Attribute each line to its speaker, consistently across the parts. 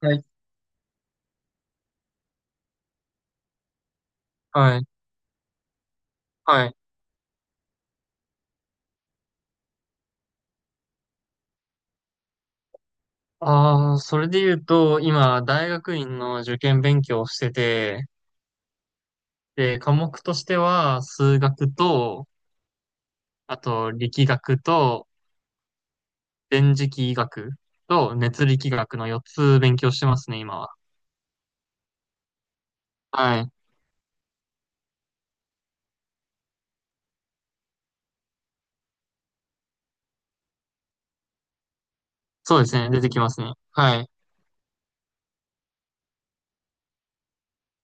Speaker 1: はい、はい、はい。ああ、それで言うと、今、大学院の受験勉強をしてて、で、科目としては、数学と、あと、力学と、電磁気医学と、熱力学の4つ勉強してますね、今は。はい。そうですね、出てきますね。はい、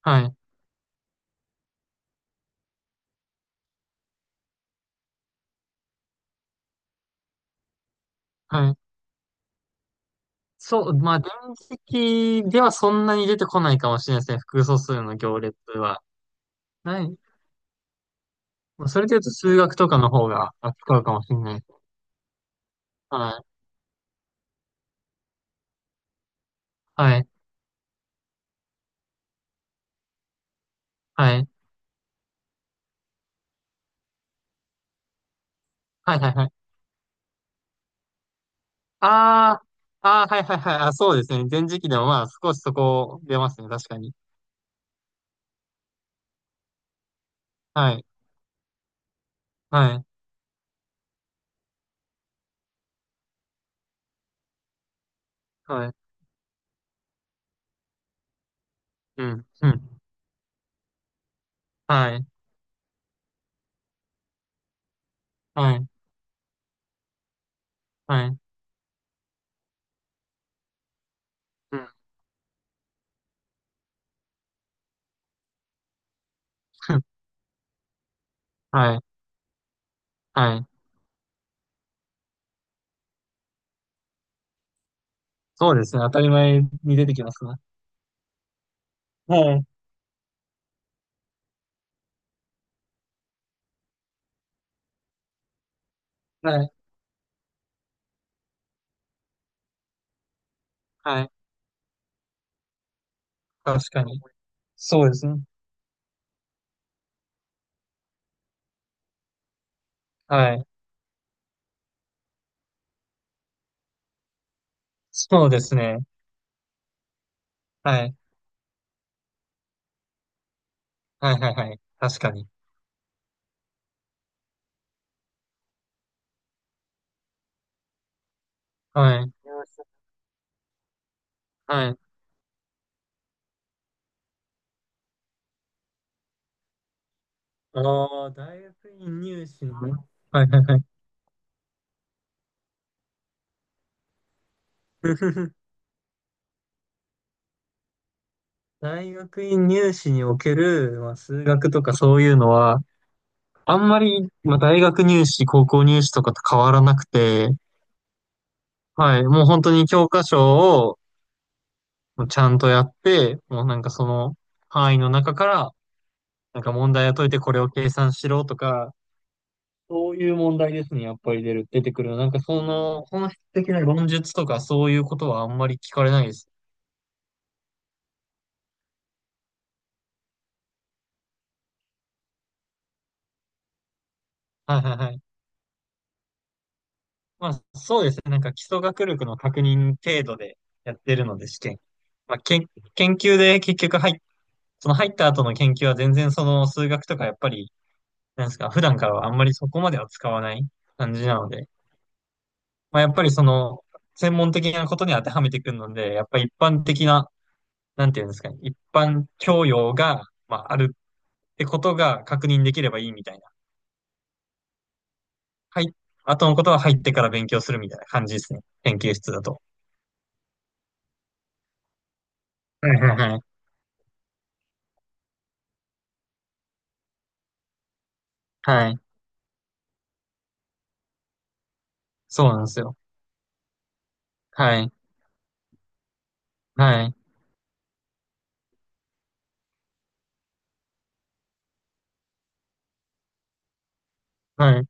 Speaker 1: はい、はい。そう、まあ、電磁気ではそんなに出てこないかもしれないですね、複素数の行列は。ない。まあそれで言うと、数学とかの方が扱うかもしれないです。はい、はい。はいはいはいはい。ああ、ああ、はいはいはい。あ、そうですね。前時期でもまあ少しそこ出ますね。確かに。はい。はい。はい。うん。うん。はい。はい。はい。うん。はい。はい。そうですね。当たり前に出てきますね。はい。はい。はい。確かに。そうですね。はい。そうですね。はい。はいはいはい。確かに。はい。はい。ああ、大学院入試のね。はいはいはい。大学院入試における、まあ、数学とかそういうのは、あんまり、まあ、大学入試、高校入試とかと変わらなくて、はい、もう本当に教科書をちゃんとやって、もうなんかその範囲の中から、なんか問題を解いてこれを計算しろとか、そういう問題ですね、やっぱり出てくるの。なんかその本質的な論述とかそういうことはあんまり聞かれないです。はいはいはい。まあ、そうですね。なんか基礎学力の確認程度でやってるので、試験。まあ、研究で結局その入った後の研究は全然その数学とかやっぱり、なんですか、普段からはあんまりそこまでは使わない感じなので、まあ、やっぱりその、専門的なことに当てはめてくるので、やっぱり一般的な、なんていうんですかね、一般教養が、まあ、あるってことが確認できればいいみたいな。はい。後のことは入ってから勉強するみたいな感じですね。研究室だと。はいはいはい。はい。そうなんですよ。はい、はい、はい。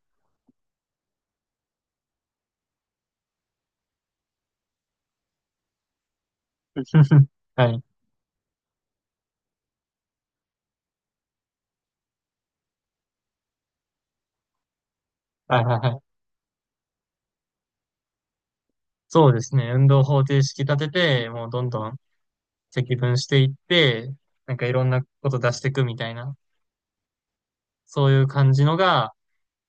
Speaker 1: はい、はいはいはい。そうですね。運動方程式立てて、もうどんどん積分していって、なんかいろんなこと出していくみたいな、そういう感じのが、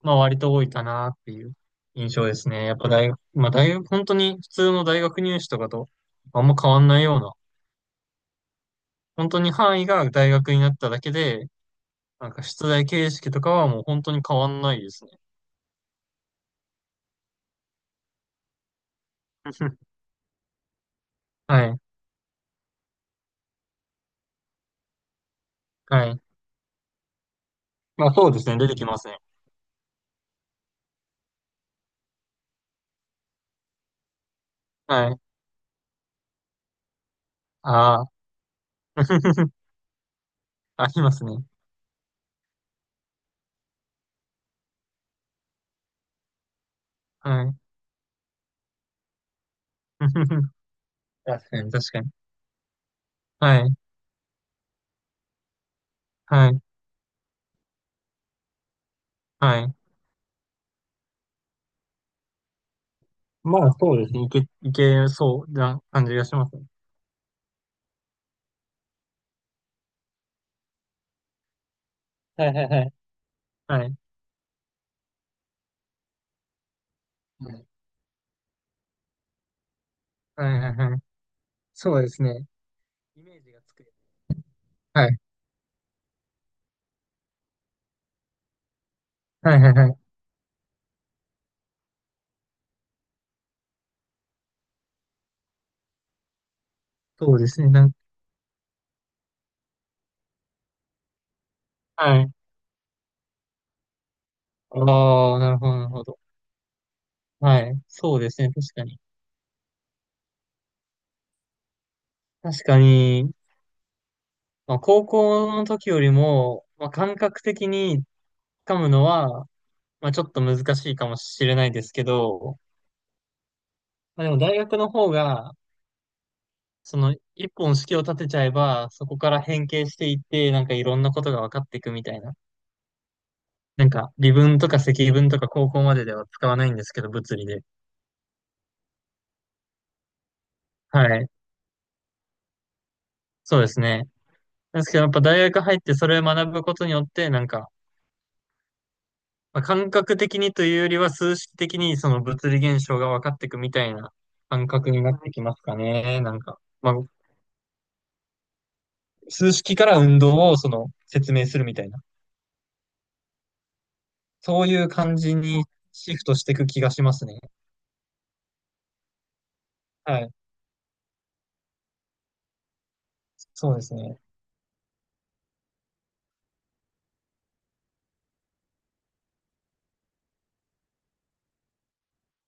Speaker 1: まあ割と多いかなっていう印象ですね。やっぱ大学、まあ大学、本当に普通の大学入試とかとあんま変わんないような、本当に範囲が大学になっただけで、なんか出題形式とかはもう本当に変わんないですね。はい、はい。まあそうですね。出てきますね。はい。ああ。ありますね。はい。確かに、確かに。はい。はい。はい。まあ、そうですね。いけそうな感じがしますね。はいはいはい。はい。はいはいはい。そうですね。イメージがつくよね。はい。はいはいはい。そうですね。はい。ああ、なるほど、なるほど。はい。そうですね。確かに。確かに、まあ、高校の時よりも、まあ、感覚的に掴むのは、まあ、ちょっと難しいかもしれないですけど、まあ、でも大学の方が、その一本式を立てちゃえば、そこから変形していって、なんかいろんなことが分かっていくみたいな。なんか微分とか積分とか高校まででは使わないんですけど、物理で。はい。そうですね。なんですけどやっぱ大学入ってそれを学ぶことによって、なんか、まあ、感覚的にというよりは数式的にその物理現象が分かっていくみたいな感覚になってきますかね。なんか、まあ、数式から運動をその説明するみたいな。そういう感じにシフトしていく気がしますね。はい。そうですね。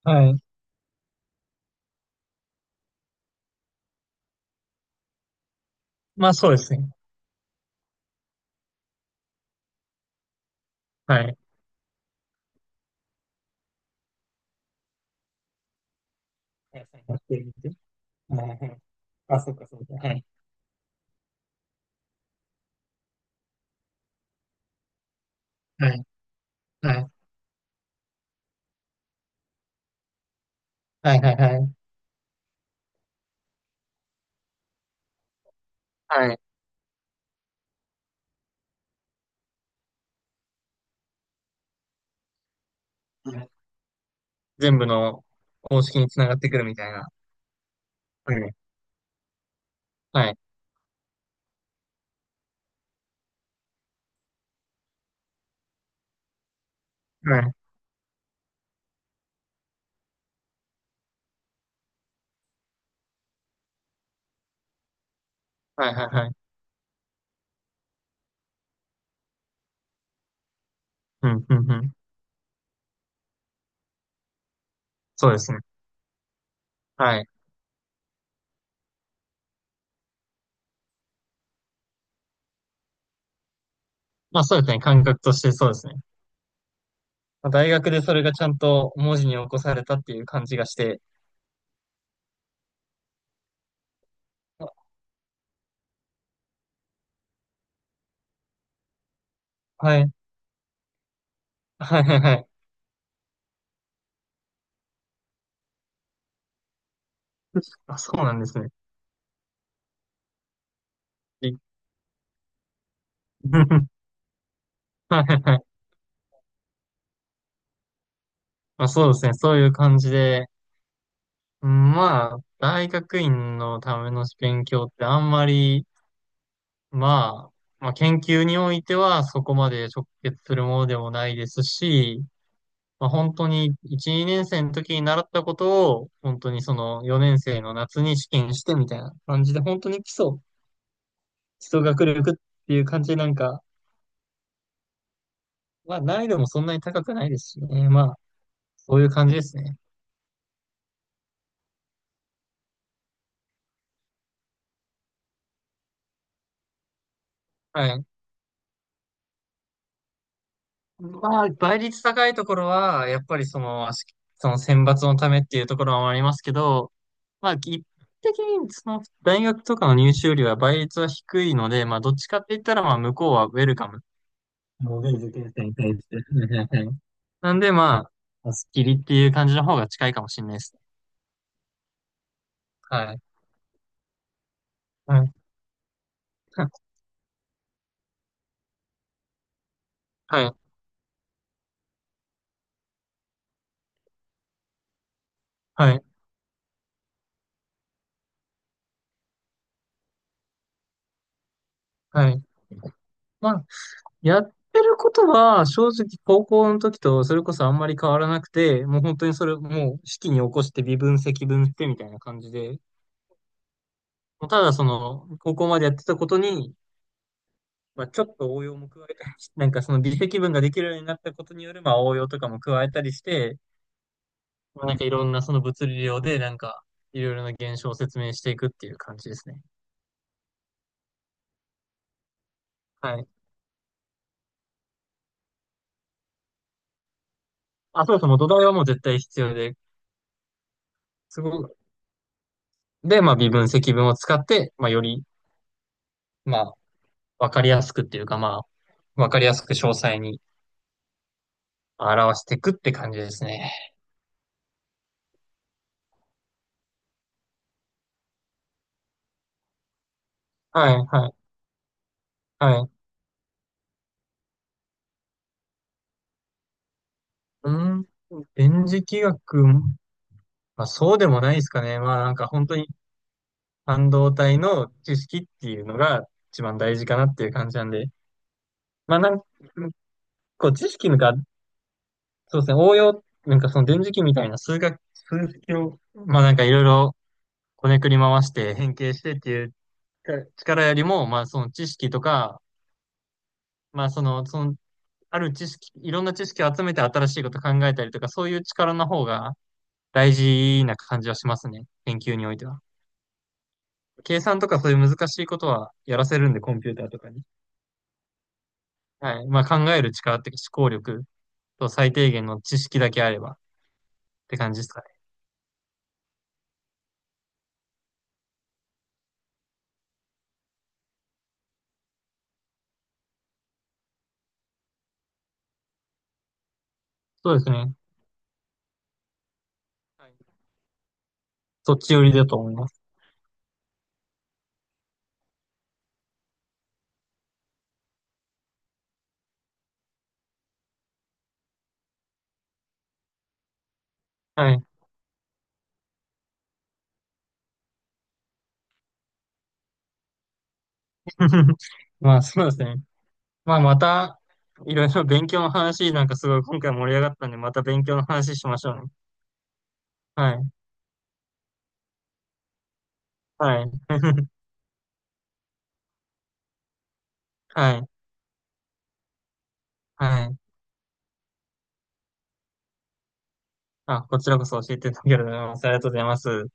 Speaker 1: はい。まあそうですね。はい。やってみて。はいはい。あ、そっかそっか。はい。はい。はい。はいはいはい。はい。全部の公式につながってくるみたいな。はい。はい。はい。はいはいはい。うん、うん、うん。そうですね。はい。まあそうですね。感覚としてそうですね。まあ大学でそれがちゃんと文字に起こされたっていう感じがして。はいはいはいはい。あ、そうなんですね。び はいはいはい。まあ、そうですね。そういう感じで。うんまあ、大学院のための勉強ってあんまり、ままあ、研究においてはそこまで直結するものでもないですし、まあ、本当に1、2年生の時に習ったことを、本当にその4年生の夏に試験してみたいな感じで、本当に基礎学力っていう感じでなんか、まあ、難易度もそんなに高くないですしね。まあ、そういう感じですね。はい。まあ、倍率高いところは、やっぱりその、その選抜のためっていうところもありますけど、まあ、一般的にその大学とかの入試よりは倍率は低いので、まあ、どっちかって言ったら、まあ、向こうはウェルカム。ノーベル受験生に対して。はいはいはいなんで、まあ、スッキリっていう感じの方が近いかもしれないです。はい。はい。はい。はい。はい。まあやってることは、正直高校の時とそれこそあんまり変わらなくて、もう本当にもう式に起こして微分積分してみたいな感じで、もうただその、高校までやってたことに、まあ、ちょっと応用も加えたりし、なんかその微積分ができるようになったことによる、まあ応用とかも加えたりして、まあなんかいろんなその物理量で、なんか、いろいろな現象を説明していくっていう感じですね。はい。あ、そうそう、もう土台はもう絶対必要で、すごく、で、まあ微分積分を使って、まあより、まあ、わかりやすくっていうか、まあ、わかりやすく詳細に表していくって感じですね。はい、はい、はい。うん、電磁気学、まあ、そうでもないですかね。まあ、なんか本当に半導体の知識っていうのが一番大事かなっていう感じなんで、まあ、こう、知識が、そうですね、応用、なんかその電磁気みたいな数学、数式を、まあ、なんかいろいろこねくり回して変形してっていう力よりも、まあ、その知識とか、まあ、そのある知識、いろんな知識を集めて新しいこと考えたりとか、そういう力の方が大事な感じはしますね。研究においては。計算とかそういう難しいことはやらせるんで、コンピューターとかに。はい。まあ考える力っていうか思考力と最低限の知識だけあればって感じですかね。そうですね。はい。そっち寄りだと思います。はい。まあそうですね。まあまた、いろいろ勉強の話なんかすごい今回盛り上がったんで、また勉強の話しましょうね。はい。はい。はい。はい。あ、こちらこそ教えていただけると思います。ありがとうございます。